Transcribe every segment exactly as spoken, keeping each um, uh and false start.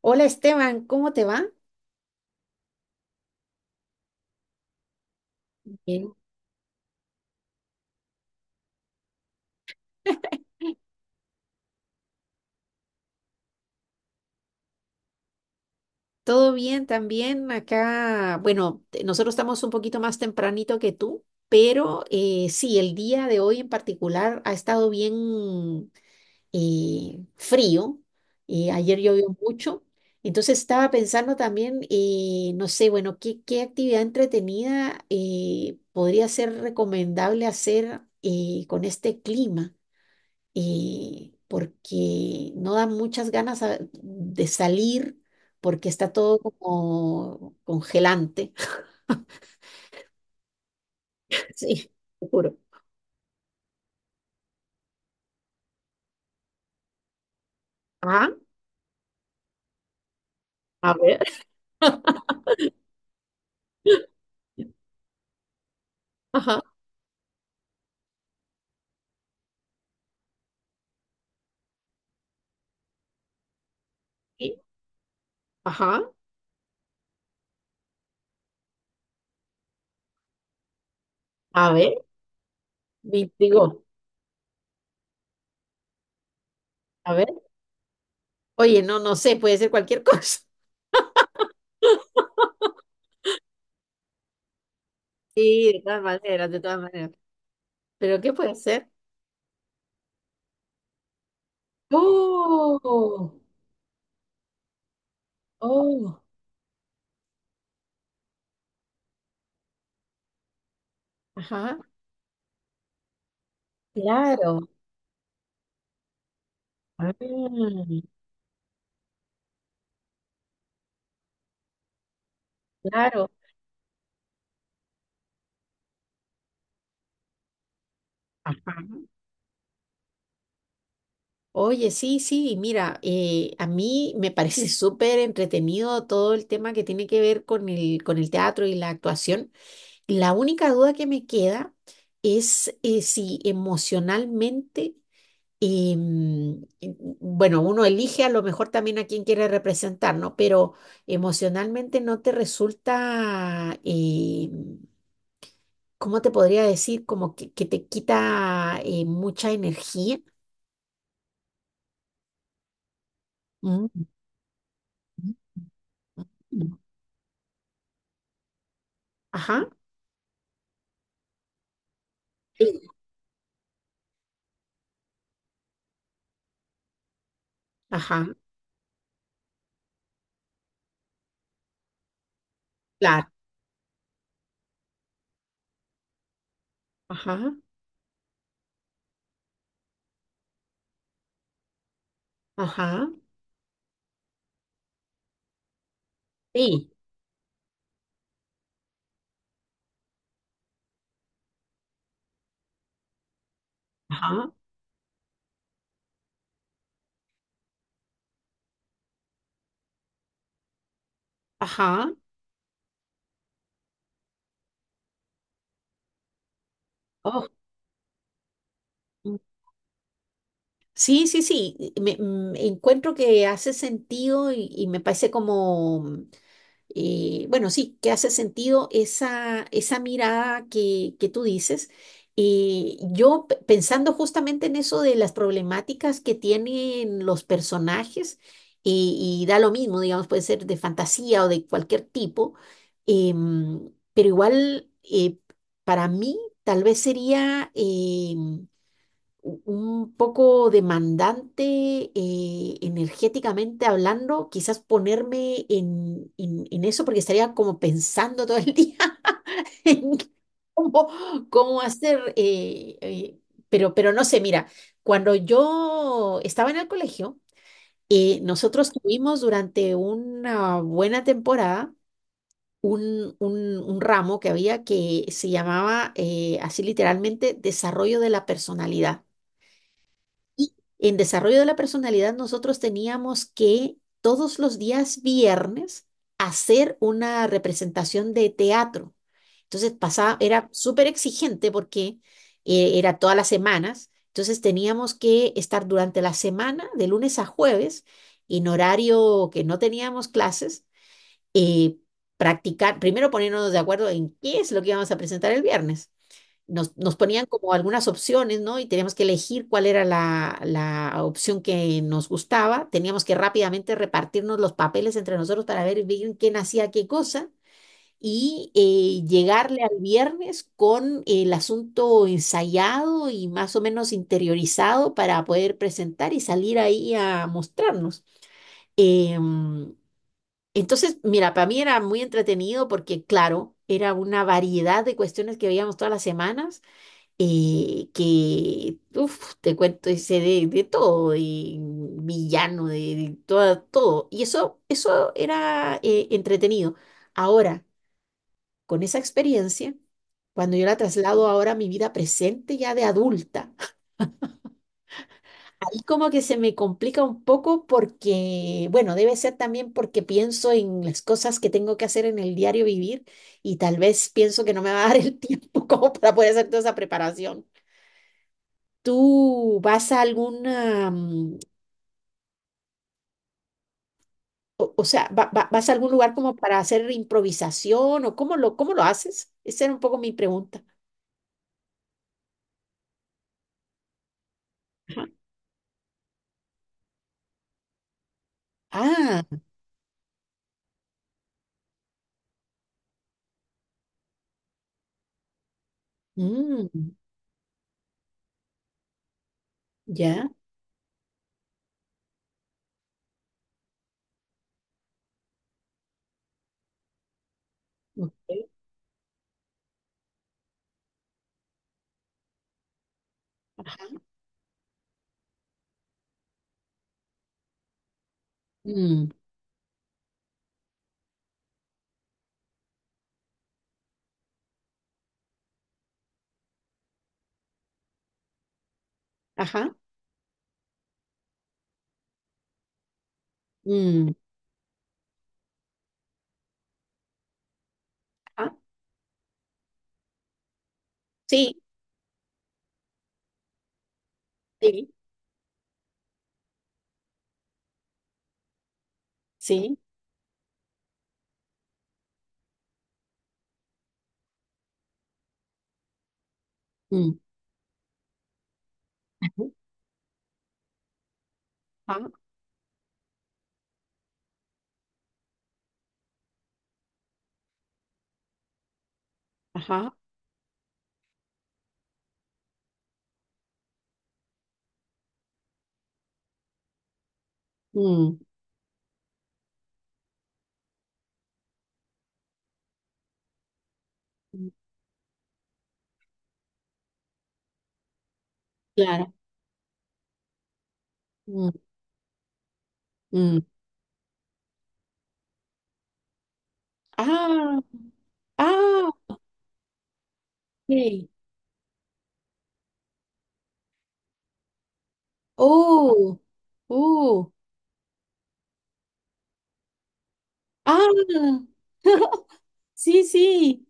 Hola Esteban, ¿cómo te va? Bien. ¿Todo bien también acá? Bueno, te- nosotros estamos un poquito más tempranito que tú, pero eh, sí, el día de hoy en particular ha estado bien eh, frío. Eh, ayer llovió mucho, entonces estaba pensando también, eh, no sé, bueno, qué, qué actividad entretenida eh, podría ser recomendable hacer eh, con este clima. Eh, porque no dan muchas ganas a- de salir porque está todo como congelante. Sí, te juro. Ah, a ver. Ajá, sí, ajá, a ver, me digo, a ver, oye, no, no sé, puede ser cualquier cosa. Sí, de todas maneras, de todas maneras. ¿Pero qué puede ser? Oh, oh, ajá, claro, ah, claro, ajá. Oye, sí, sí, mira, eh, a mí me parece súper entretenido todo el tema que tiene que ver con el, con el teatro y la actuación. La única duda que me queda es eh, si emocionalmente, eh, mm, eh, bueno, uno elige a lo mejor también a quién quiere representar, ¿no? Pero emocionalmente no te resulta, eh, ¿cómo te podría decir? Como que, que te quita eh, mucha energía. Mm, mm. Mm. Ajá. Sí, ajá, claro, ajá, ajá, sí, ajá, ajá. Oh, mm. Sí, sí, sí, me, mm, encuentro que hace sentido y, y me parece como, eh, bueno, sí, que hace sentido esa, esa mirada que, que tú dices. Y yo p- pensando justamente en eso de las problemáticas que tienen los personajes, y, y da lo mismo, digamos, puede ser de fantasía o de cualquier tipo, em, pero igual eh, para mí tal vez sería em, u- un poco demandante eh, energéticamente hablando, quizás ponerme en, en- en eso porque estaría como pensando todo el día en cómo, cómo hacer, eh, eh, pero, pero no sé, mira, cuando yo estaba en el colegio, eh, nosotros tuvimos durante una buena temporada un, un- un ramo que había que se llamaba eh, así literalmente desarrollo de la personalidad. Y en desarrollo de la personalidad nosotros teníamos que todos los días viernes hacer una representación de teatro. Entonces pasaba, era súper exigente porque eh, era todas las semanas. Entonces teníamos que estar durante la semana, de lunes a jueves, en horario que no teníamos clases, eh, practicar, primero ponernos de acuerdo en qué es lo que íbamos a presentar el viernes, nos, nos ponían como algunas opciones, ¿no? Y teníamos que elegir cuál era la, la opción que nos gustaba. Teníamos que rápidamente repartirnos los papeles entre nosotros para ver bien quién hacía qué cosa y eh, llegarle al viernes con el asunto ensayado y más o menos interiorizado para poder presentar y salir ahí a mostrarnos. Em, entonces, mira, para mí era muy entretenido porque, claro, era una variedad de cuestiones que veíamos todas las semanas eh, que, uf, te cuento, hice de, de todo, y villano, de, de toda- todo. Y eso, eso era eh, entretenido. Ahora, con esa experiencia, cuando yo la traslado ahora a mi vida presente ya de adulta, ahí como que se me complica un poco porque, bueno, debe ser también porque pienso en las cosas que tengo que hacer en el diario vivir y tal vez pienso que no me va a dar el tiempo como para poder hacer toda esa preparación. ¿Tú vas a alguna, mm, o, o sea, va- va- vas a algún lugar como para hacer improvisación o cómo lo, cómo lo haces? Esa era un poco mi pregunta. Ah, mm, ya, ok, ajá, mm, ajá, mm, ajá, sí, sí, sí, mm, ajá, ajá, mm, mm, claro, mm, mm. Ah, ah, ok, oh, oh, ah, sí, sí,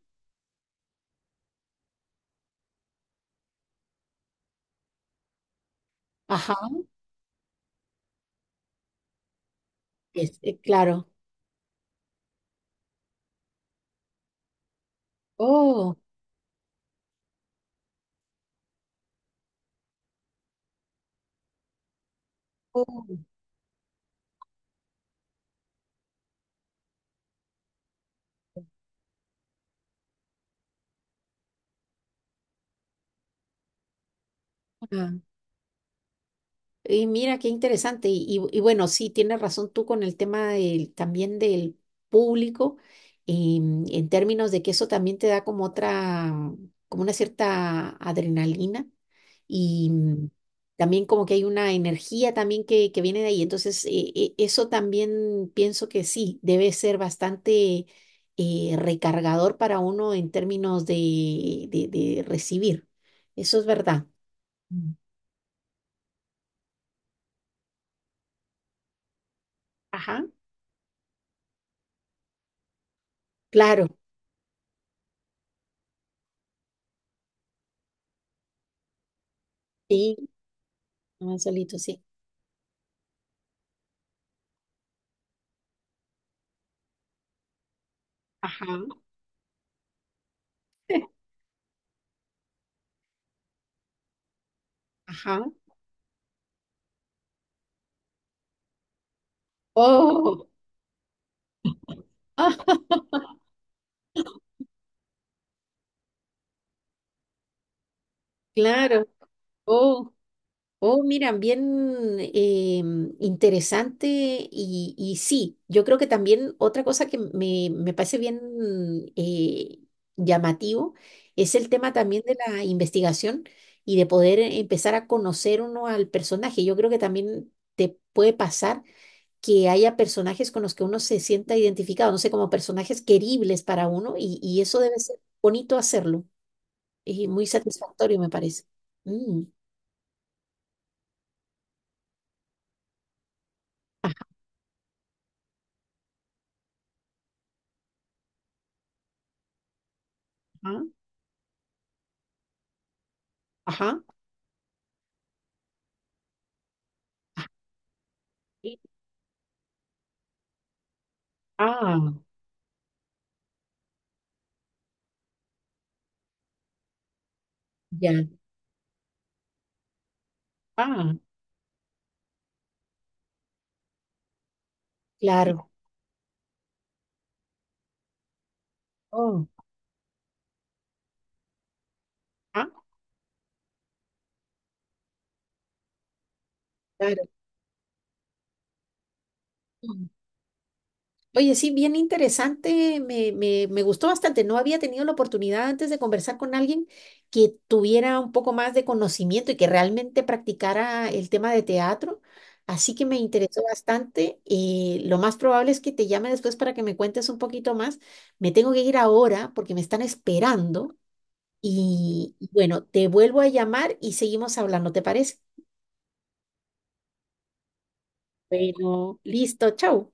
ajá. Es- eh, claro. Oh, oh, ah. Y mira qué interesante. Y, y- y bueno, sí, tienes razón tú con el tema del- también del público, em, en términos de que eso también te da como otra, como una cierta adrenalina. Y mm, también como que hay una energía también que, que viene de ahí. Entonces, eh, eh, eso también pienso que sí, debe ser bastante eh, recargador para uno en términos de, de, de recibir. Eso es verdad. Mm. Ajá, claro. Sí, no, solito, sí. Ajá, ajá. Oh, claro. Oh. Oh, mira, bien em, interesante y, y sí, yo creo que también otra cosa que me, me parece bien eh, llamativo es el tema también de la investigación y de poder empezar a conocer uno al personaje. Yo creo que también te puede pasar que haya personajes con los que uno se sienta identificado, no sé, como personajes queribles para uno y, y eso debe ser bonito hacerlo y muy satisfactorio, me parece. Mm, ajá, ajá. Ah, ya, ah, claro. Oh, ah, claro. Mm. Oye, sí, bien interesante, me, me, me gustó bastante. No había tenido la oportunidad antes de conversar con alguien que tuviera un poco más de conocimiento y que realmente practicara el tema de teatro. Así que me interesó bastante, y lo más probable es que te llame después para que me cuentes un poquito más. Me tengo que ir ahora porque me están esperando. Y y bueno, te vuelvo a llamar y seguimos hablando, ¿te parece? Bueno, listo, chao.